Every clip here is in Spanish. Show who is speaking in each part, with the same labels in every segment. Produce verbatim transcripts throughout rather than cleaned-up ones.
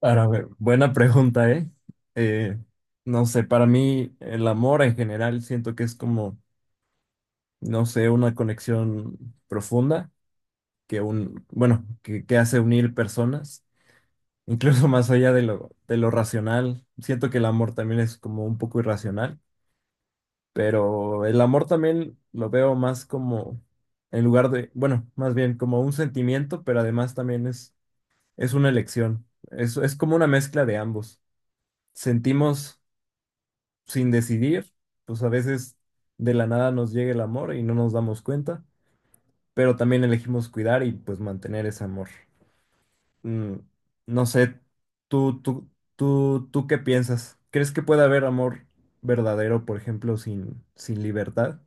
Speaker 1: Para ver, buena pregunta, ¿eh? Eh, no sé, para mí el amor en general siento que es como, no sé, una conexión profunda que un, bueno, que, que hace unir personas, incluso más allá de lo, de lo racional. Siento que el amor también es como un poco irracional, pero el amor también lo veo más como, en lugar de, bueno, más bien como un sentimiento, pero además también es, es una elección. Es, es como una mezcla de ambos sentimos sin decidir, pues a veces de la nada nos llega el amor y no nos damos cuenta, pero también elegimos cuidar y pues mantener ese amor. Mm, no sé, tú, tú, tú, tú qué piensas? ¿Crees que puede haber amor verdadero, por ejemplo, sin, sin libertad?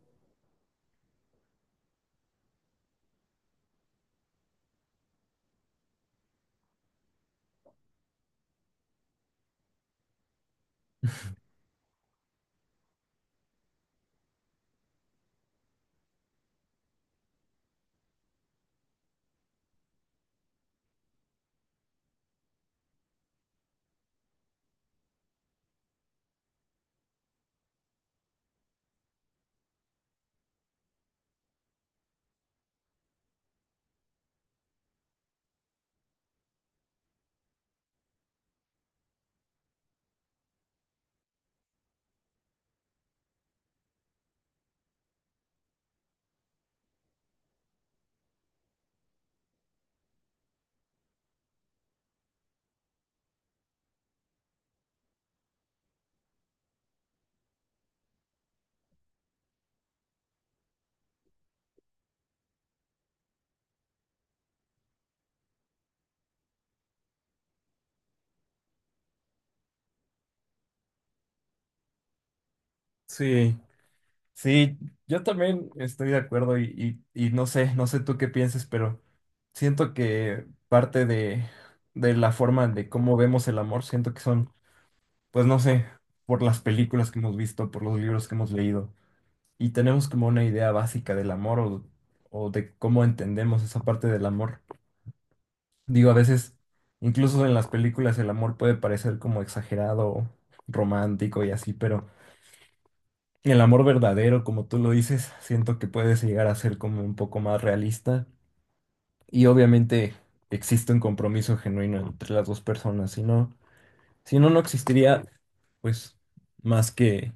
Speaker 1: Sí, sí, yo también estoy de acuerdo y, y, y no sé, no sé tú qué pienses, pero siento que parte de, de la forma de cómo vemos el amor, siento que son pues no sé, por las películas que hemos visto, por los libros que hemos leído, y tenemos como una idea básica del amor o, o de cómo entendemos esa parte del amor. Digo, a veces, incluso en las películas, el amor puede parecer como exagerado, romántico y así, pero el amor verdadero, como tú lo dices, siento que puedes llegar a ser como un poco más realista y obviamente existe un compromiso genuino entre las dos personas, si no, si no, no existiría, pues, más que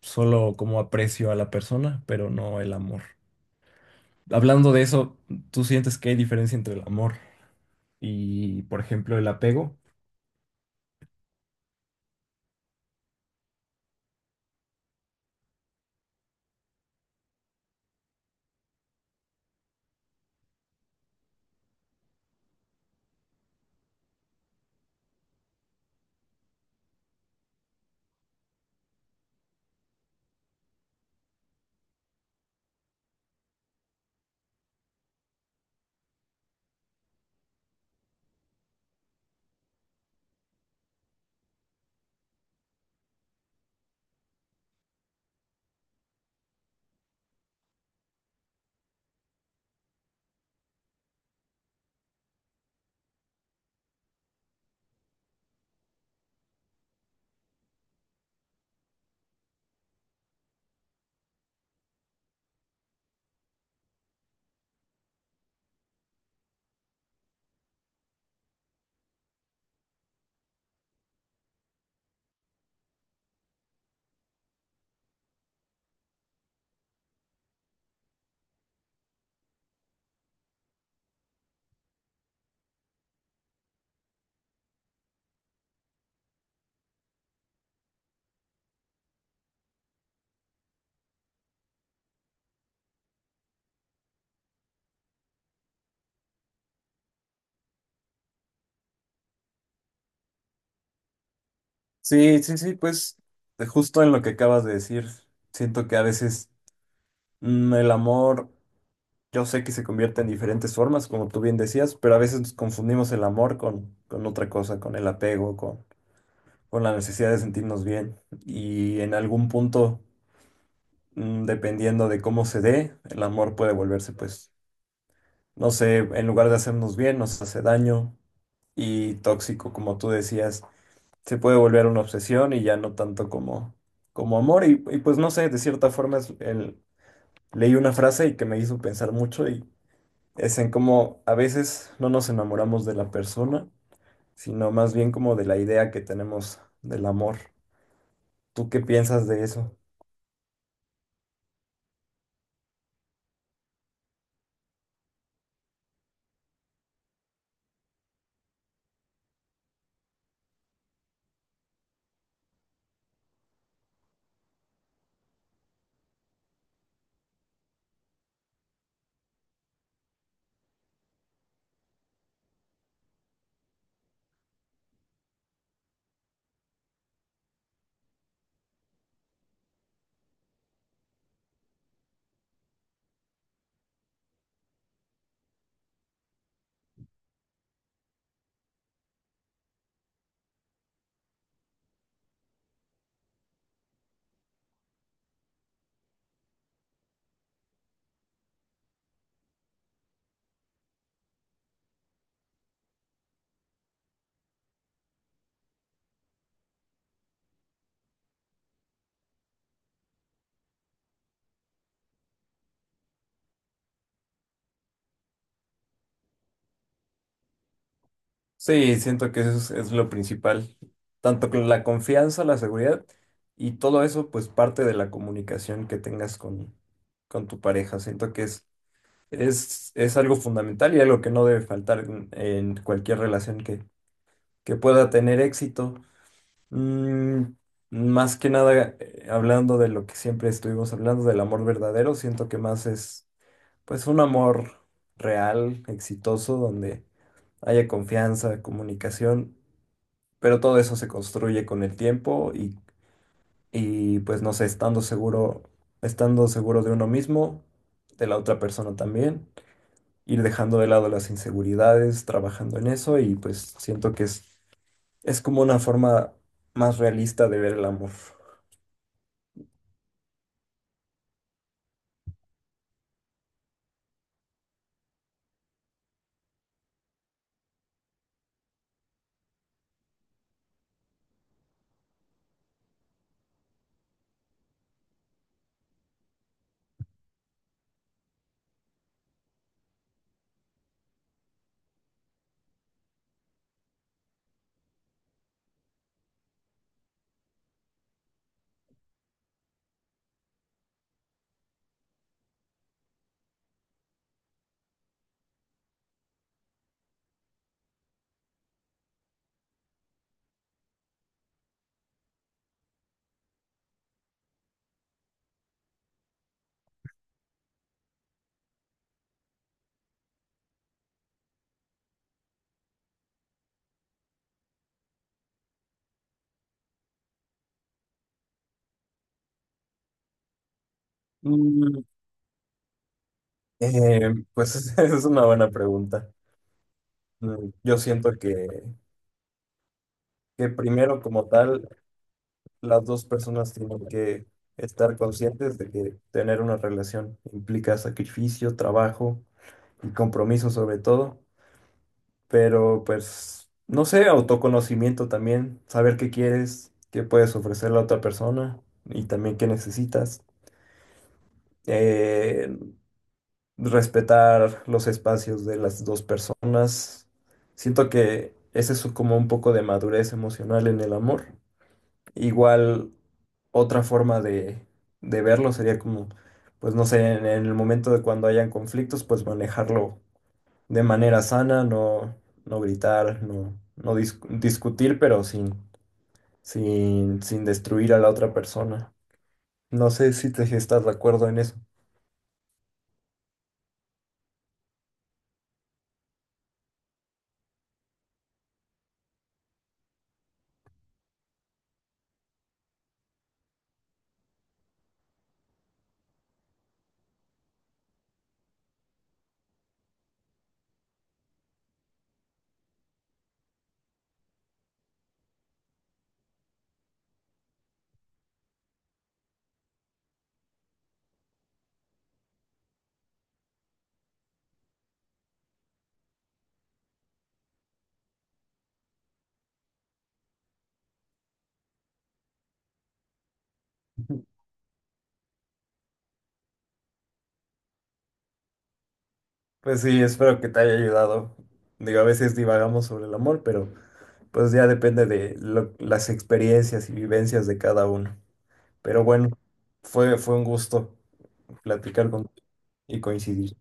Speaker 1: solo como aprecio a la persona, pero no el amor. Hablando de eso, ¿tú sientes que hay diferencia entre el amor y, por ejemplo, el apego? Sí, sí, sí, pues de justo en lo que acabas de decir, siento que a veces mm, el amor, yo sé que se convierte en diferentes formas, como tú bien decías, pero a veces nos confundimos el amor con, con otra cosa, con el apego, con, con la necesidad de sentirnos bien. Y en algún punto, mm, dependiendo de cómo se dé, el amor puede volverse pues no sé, en lugar de hacernos bien, nos hace daño y tóxico, como tú decías, se puede volver una obsesión y ya no tanto como, como amor. Y, y pues no sé, de cierta forma es el- leí una frase y que me hizo pensar mucho y es en cómo a veces no nos enamoramos de la persona, sino más bien como de la idea que tenemos del amor. ¿Tú qué piensas de eso? Sí, siento que eso es, es lo principal, tanto con la confianza, la seguridad y todo eso, pues parte de la comunicación que tengas con, con tu pareja. Siento que es, es, es algo fundamental y algo que no debe faltar en, en cualquier relación que, que pueda tener éxito. Mm, más que nada, eh, hablando de lo que siempre estuvimos hablando, del amor verdadero, siento que más es pues un amor real, exitoso, donde haya confianza, comunicación, pero todo eso se construye con el tiempo y, y pues no sé, estando seguro, estando seguro de uno mismo, de la otra persona también, ir dejando de lado las inseguridades, trabajando en eso y pues siento que es, es como una forma más realista de ver el amor. Mm, eh, pues es una buena pregunta. Mm, yo siento que, que primero como tal las dos personas tienen que estar conscientes de que tener una relación implica sacrificio, trabajo y compromiso sobre todo, pero pues, no sé, autoconocimiento también, saber qué quieres, qué puedes ofrecer a la otra persona y también qué necesitas. Eh, Respetar los espacios de las dos personas. Siento que ese es como un poco de madurez emocional en el amor. Igual otra forma de, de verlo sería como, pues no sé, en, en el momento de cuando hayan conflictos, pues manejarlo de manera sana, no, no gritar, no, no dis- discutir, pero sin, sin, sin destruir a la otra persona. No sé si te si estás de acuerdo en eso. Pues sí, espero que te haya ayudado. Digo, a veces divagamos sobre el amor, pero pues ya depende de lo- las experiencias y vivencias de cada uno. Pero bueno, fue, fue un gusto platicar con y coincidir.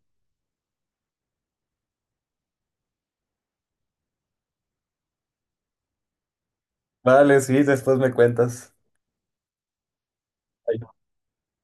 Speaker 1: Vale, sí, después me cuentas.